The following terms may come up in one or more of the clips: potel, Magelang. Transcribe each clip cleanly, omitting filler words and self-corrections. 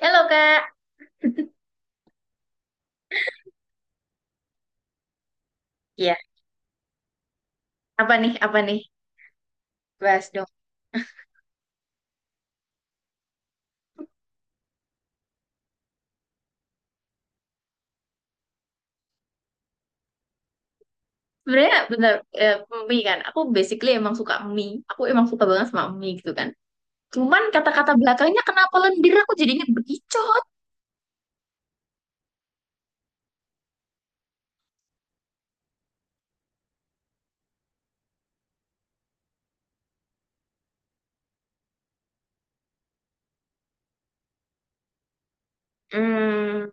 Halo Kak, ya, apa nih bahas dong. Sebenarnya bener eh, mie kan, aku basically emang suka mie. Aku emang suka banget sama mie gitu kan. Cuman kata-kata belakangnya kenapa lendir aku jadinya berkicau. Hmm,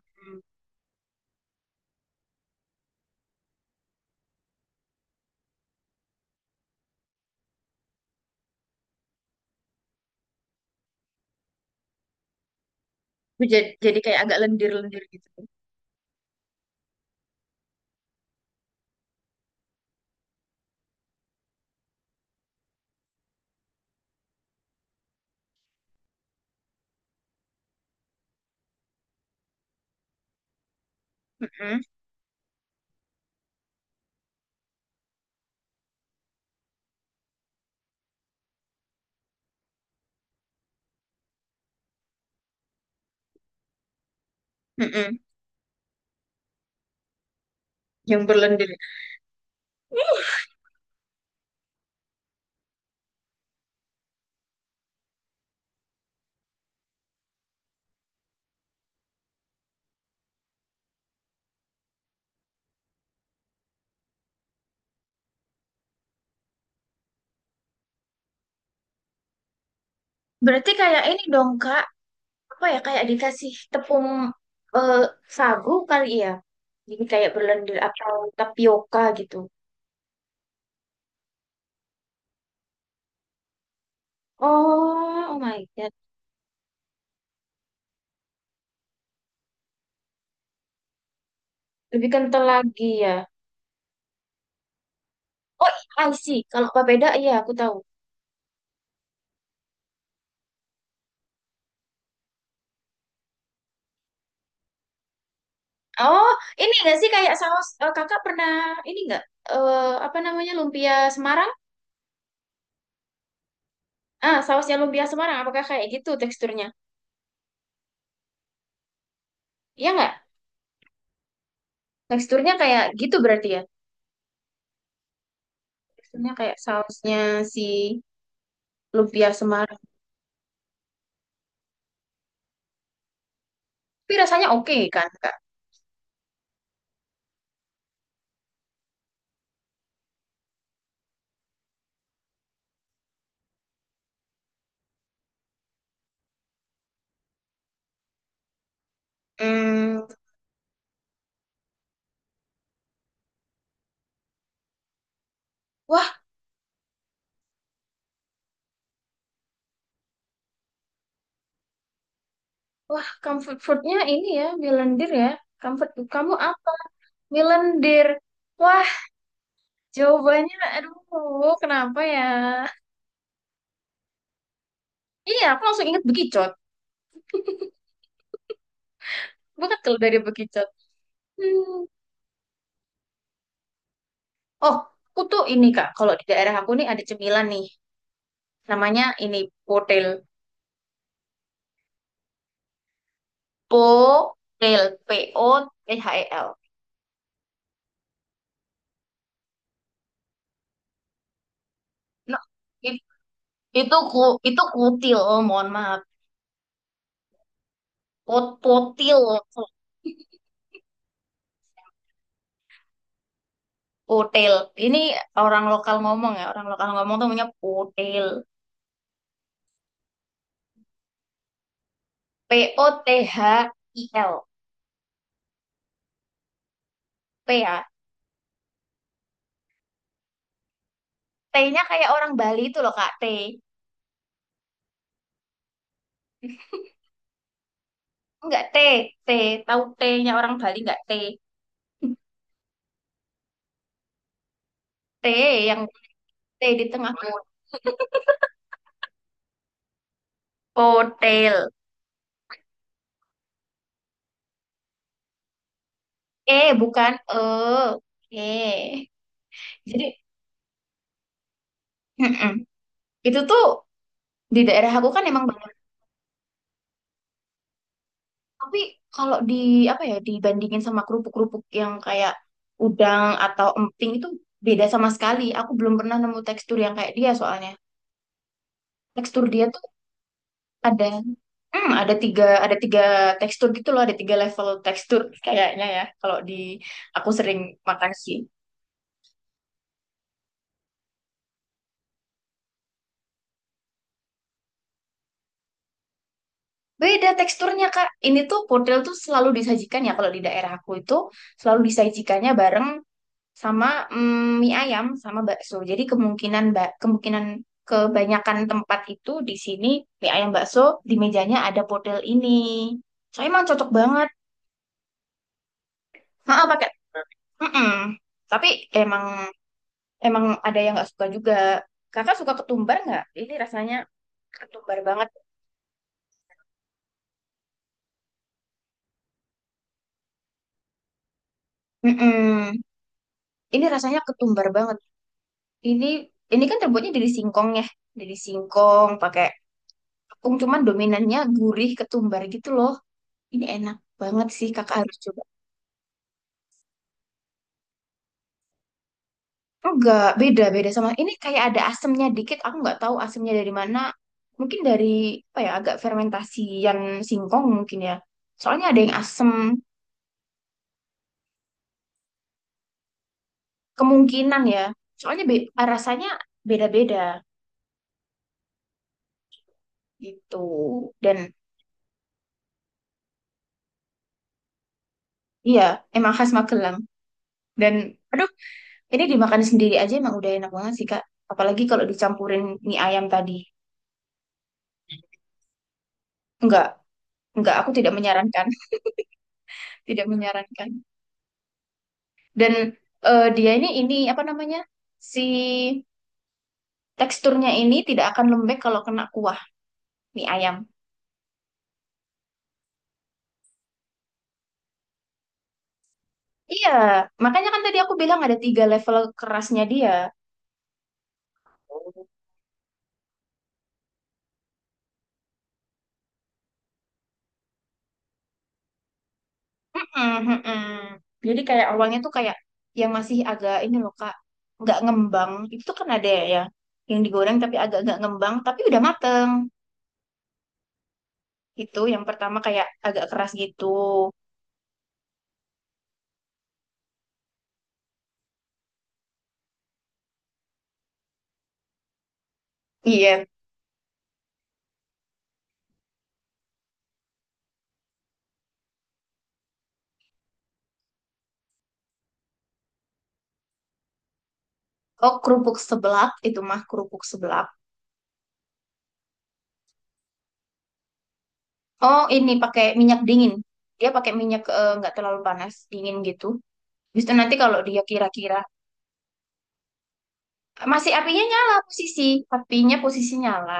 jadi kayak agak lendir-lendir gitu. Mm-mm, mm-mm, yang berlendir. Berarti kayak ini dong Kak, apa ya kayak dikasih tepung eh, sagu kali ya. Jadi kayak berlendir atau tapioka gitu. Oh, oh my God. Lebih kental lagi ya. Oh, I see. Kalau papeda, iya aku tahu. Oh, ini nggak sih kayak saus eh, kakak pernah ini nggak? eh apa namanya lumpia Semarang? Ah, sausnya lumpia Semarang. Apakah kayak gitu teksturnya? Iya nggak? Teksturnya kayak gitu berarti ya. Teksturnya kayak sausnya si lumpia Semarang. Tapi rasanya oke kan, Kak? Hmm, wah, wah, comfort foodnya ini ya, milendir ya. Comfort food kamu apa? Milendir. Wah, jawabannya, aduh, kenapa ya? Iya, aku langsung inget bekicot. Gue kalau dari bekicot. Hmm. Oh, aku tuh ini Kak, kalau di daerah aku nih ada cemilan nih. Namanya ini potel. Potel. POTHEL. Nah, it- itu ku itu kutil, oh, mohon maaf. Pot potil. Potel. Ini orang lokal ngomong ya, orang lokal ngomong tuh namanya potel. POTHIL. P ya. T-nya kayak orang Bali itu loh Kak, T. Enggak, T, T. Tahu T-nya orang Bali enggak, T. T yang T di tengah hotel. Eh, bukan E. Oke. Jadi, mm-mm. Itu tuh di daerah aku kan emang banyak. Tapi kalau di apa ya dibandingin sama kerupuk-kerupuk yang kayak udang atau emping itu beda sama sekali. Aku belum pernah nemu tekstur yang kayak dia soalnya. Tekstur dia tuh ada hmm, ada tiga tekstur gitu loh, ada tiga level tekstur kayaknya ya kalau di aku sering makan sih. Beda teksturnya, Kak. Ini tuh pudel tuh selalu disajikan ya kalau di daerah aku itu selalu disajikannya bareng sama mm, mie ayam sama bakso. Jadi kemungkinan mbak kemungkinan kebanyakan tempat itu di sini mie ayam bakso di mejanya ada pudel ini. Soalnya emang cocok banget. Heeh, pakai. Mm-mm. Tapi emang emang ada yang nggak suka juga. Kakak suka ketumbar nggak? Ini rasanya ketumbar banget. Mm-mm. Ini rasanya ketumbar banget. Ini ini kan terbuatnya dari singkong ya, dari singkong pakai tepung cuman dominannya gurih ketumbar gitu loh. Ini enak banget sih kakak harus coba. Enggak, beda beda sama ini kayak ada asemnya dikit. Aku nggak tahu asemnya dari mana. Mungkin dari apa ya agak fermentasian singkong mungkin ya. Soalnya ada yang asem kemungkinan ya. Soalnya be- rasanya beda-beda gitu. Dan iya emang khas Magelang. Dan aduh ini dimakan sendiri aja emang udah enak banget sih, Kak. Apalagi kalau dicampurin mie ayam tadi. Enggak, enggak, aku tidak menyarankan, tidak menyarankan. Dan dia ini apa namanya? Si teksturnya ini tidak akan lembek kalau kena kuah mie ayam. Iya, makanya kan tadi aku bilang ada tiga level kerasnya dia. Oh. Mm-mm, mm-mm. Jadi kayak awalnya tuh kayak yang masih agak ini loh Kak, nggak ngembang. Itu tuh kan ada ya yang digoreng tapi agak nggak ngembang, tapi udah mateng. Itu yang pertama kayak agak keras gitu. Iya. Oh, kerupuk seblak itu mah kerupuk seblak. Oh, ini pakai minyak dingin. Dia pakai minyak nggak terlalu panas, dingin gitu. Habis itu nanti kalau dia kira-kira masih apinya nyala posisi, apinya posisi nyala.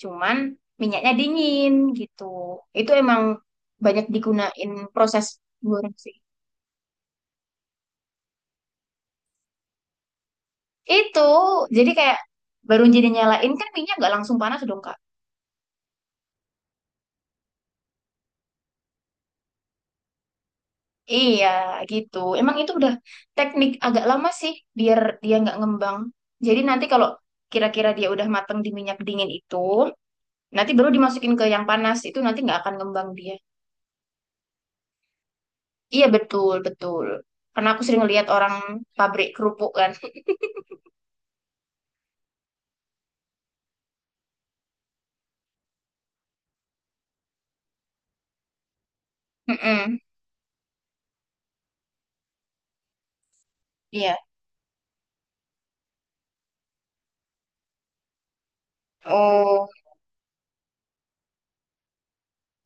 Cuman minyaknya dingin gitu. Itu emang banyak digunain proses goreng sih. Itu jadi kayak baru jadi nyalain kan minyak nggak langsung panas dong, Kak. Iya, gitu. Emang itu udah teknik agak lama sih, biar dia nggak ngembang. Jadi nanti kalau kira-kira dia udah mateng di minyak dingin itu, nanti baru dimasukin ke yang panas, itu nanti nggak akan ngembang dia. Iya, betul, betul. Karena aku sering lihat orang pabrik kerupuk kan. Mm-mm, iya. Oh,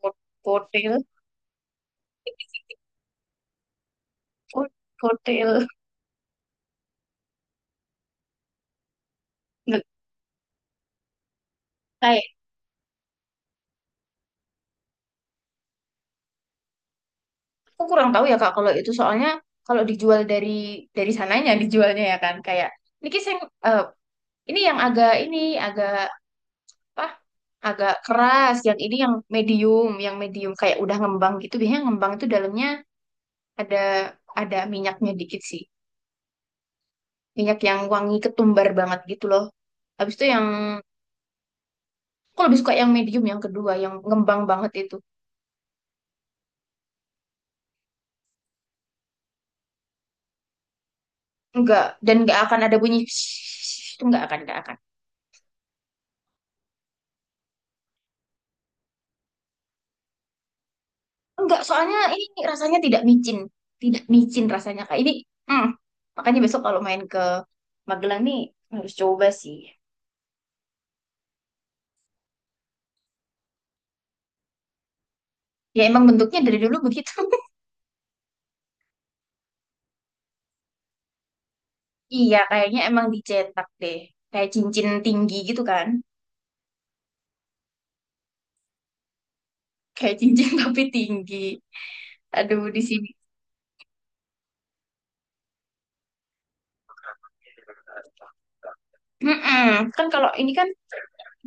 ko- kotil. Ko- kotil. Nggak- kayak, aku kurang tahu ya, Kak, kalau itu soalnya kalau dijual dari sananya, dijualnya ya kan. Kayak, Niki sing ini yang agak ini agak apa? Agak keras. Yang ini yang medium kayak udah ngembang gitu. Biasanya ngembang itu dalamnya ada minyaknya dikit sih. Minyak yang wangi ketumbar banget gitu loh. Habis itu yang aku lebih suka yang medium yang kedua, yang ngembang banget itu. Enggak dan enggak akan ada bunyi itu enggak akan enggak akan. Enggak, soalnya ini rasanya tidak micin. Tidak micin rasanya kayak ini. Hmm. Makanya besok kalau main ke Magelang nih harus coba sih. Ya emang bentuknya dari dulu begitu. Iya, kayaknya emang dicetak deh. Kayak cincin tinggi gitu kan. Kayak cincin tapi tinggi. Aduh, di sini. Mm-mm. Kan kalau ini kan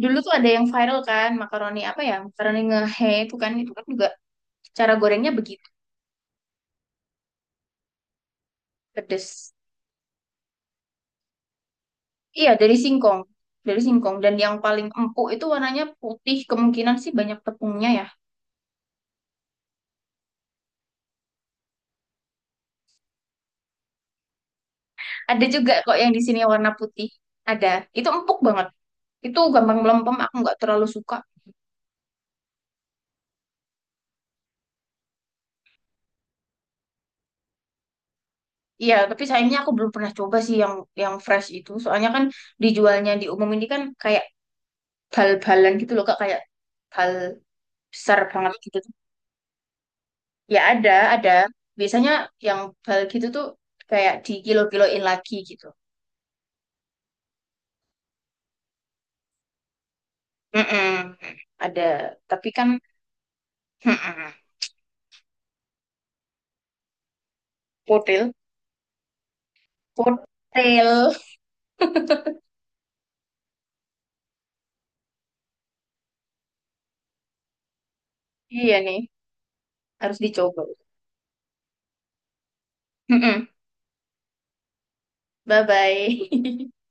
dulu tuh ada yang viral kan, makaroni apa ya? Makaroni ngehe itu kan juga cara gorengnya begitu pedes. Iya, dari singkong. Dari singkong. Dan yang paling empuk itu warnanya putih. Kemungkinan sih banyak tepungnya ya. Ada juga kok yang di sini warna putih. Ada. Itu empuk banget. Itu gampang melempem, aku nggak terlalu suka. Iya, tapi sayangnya aku belum pernah coba sih yang fresh itu. Soalnya kan dijualnya di umum ini kan kayak bal-balan gitu loh, Kak, kayak bal besar banget gitu. Ya ada, ada. Biasanya yang bal gitu tuh kayak di kilo-kiloin lagi gitu. Mm-mm. Ada, tapi kan mm-mm. Potel, potel. Iya nih, harus dicoba. Mm-mm. Bye-bye.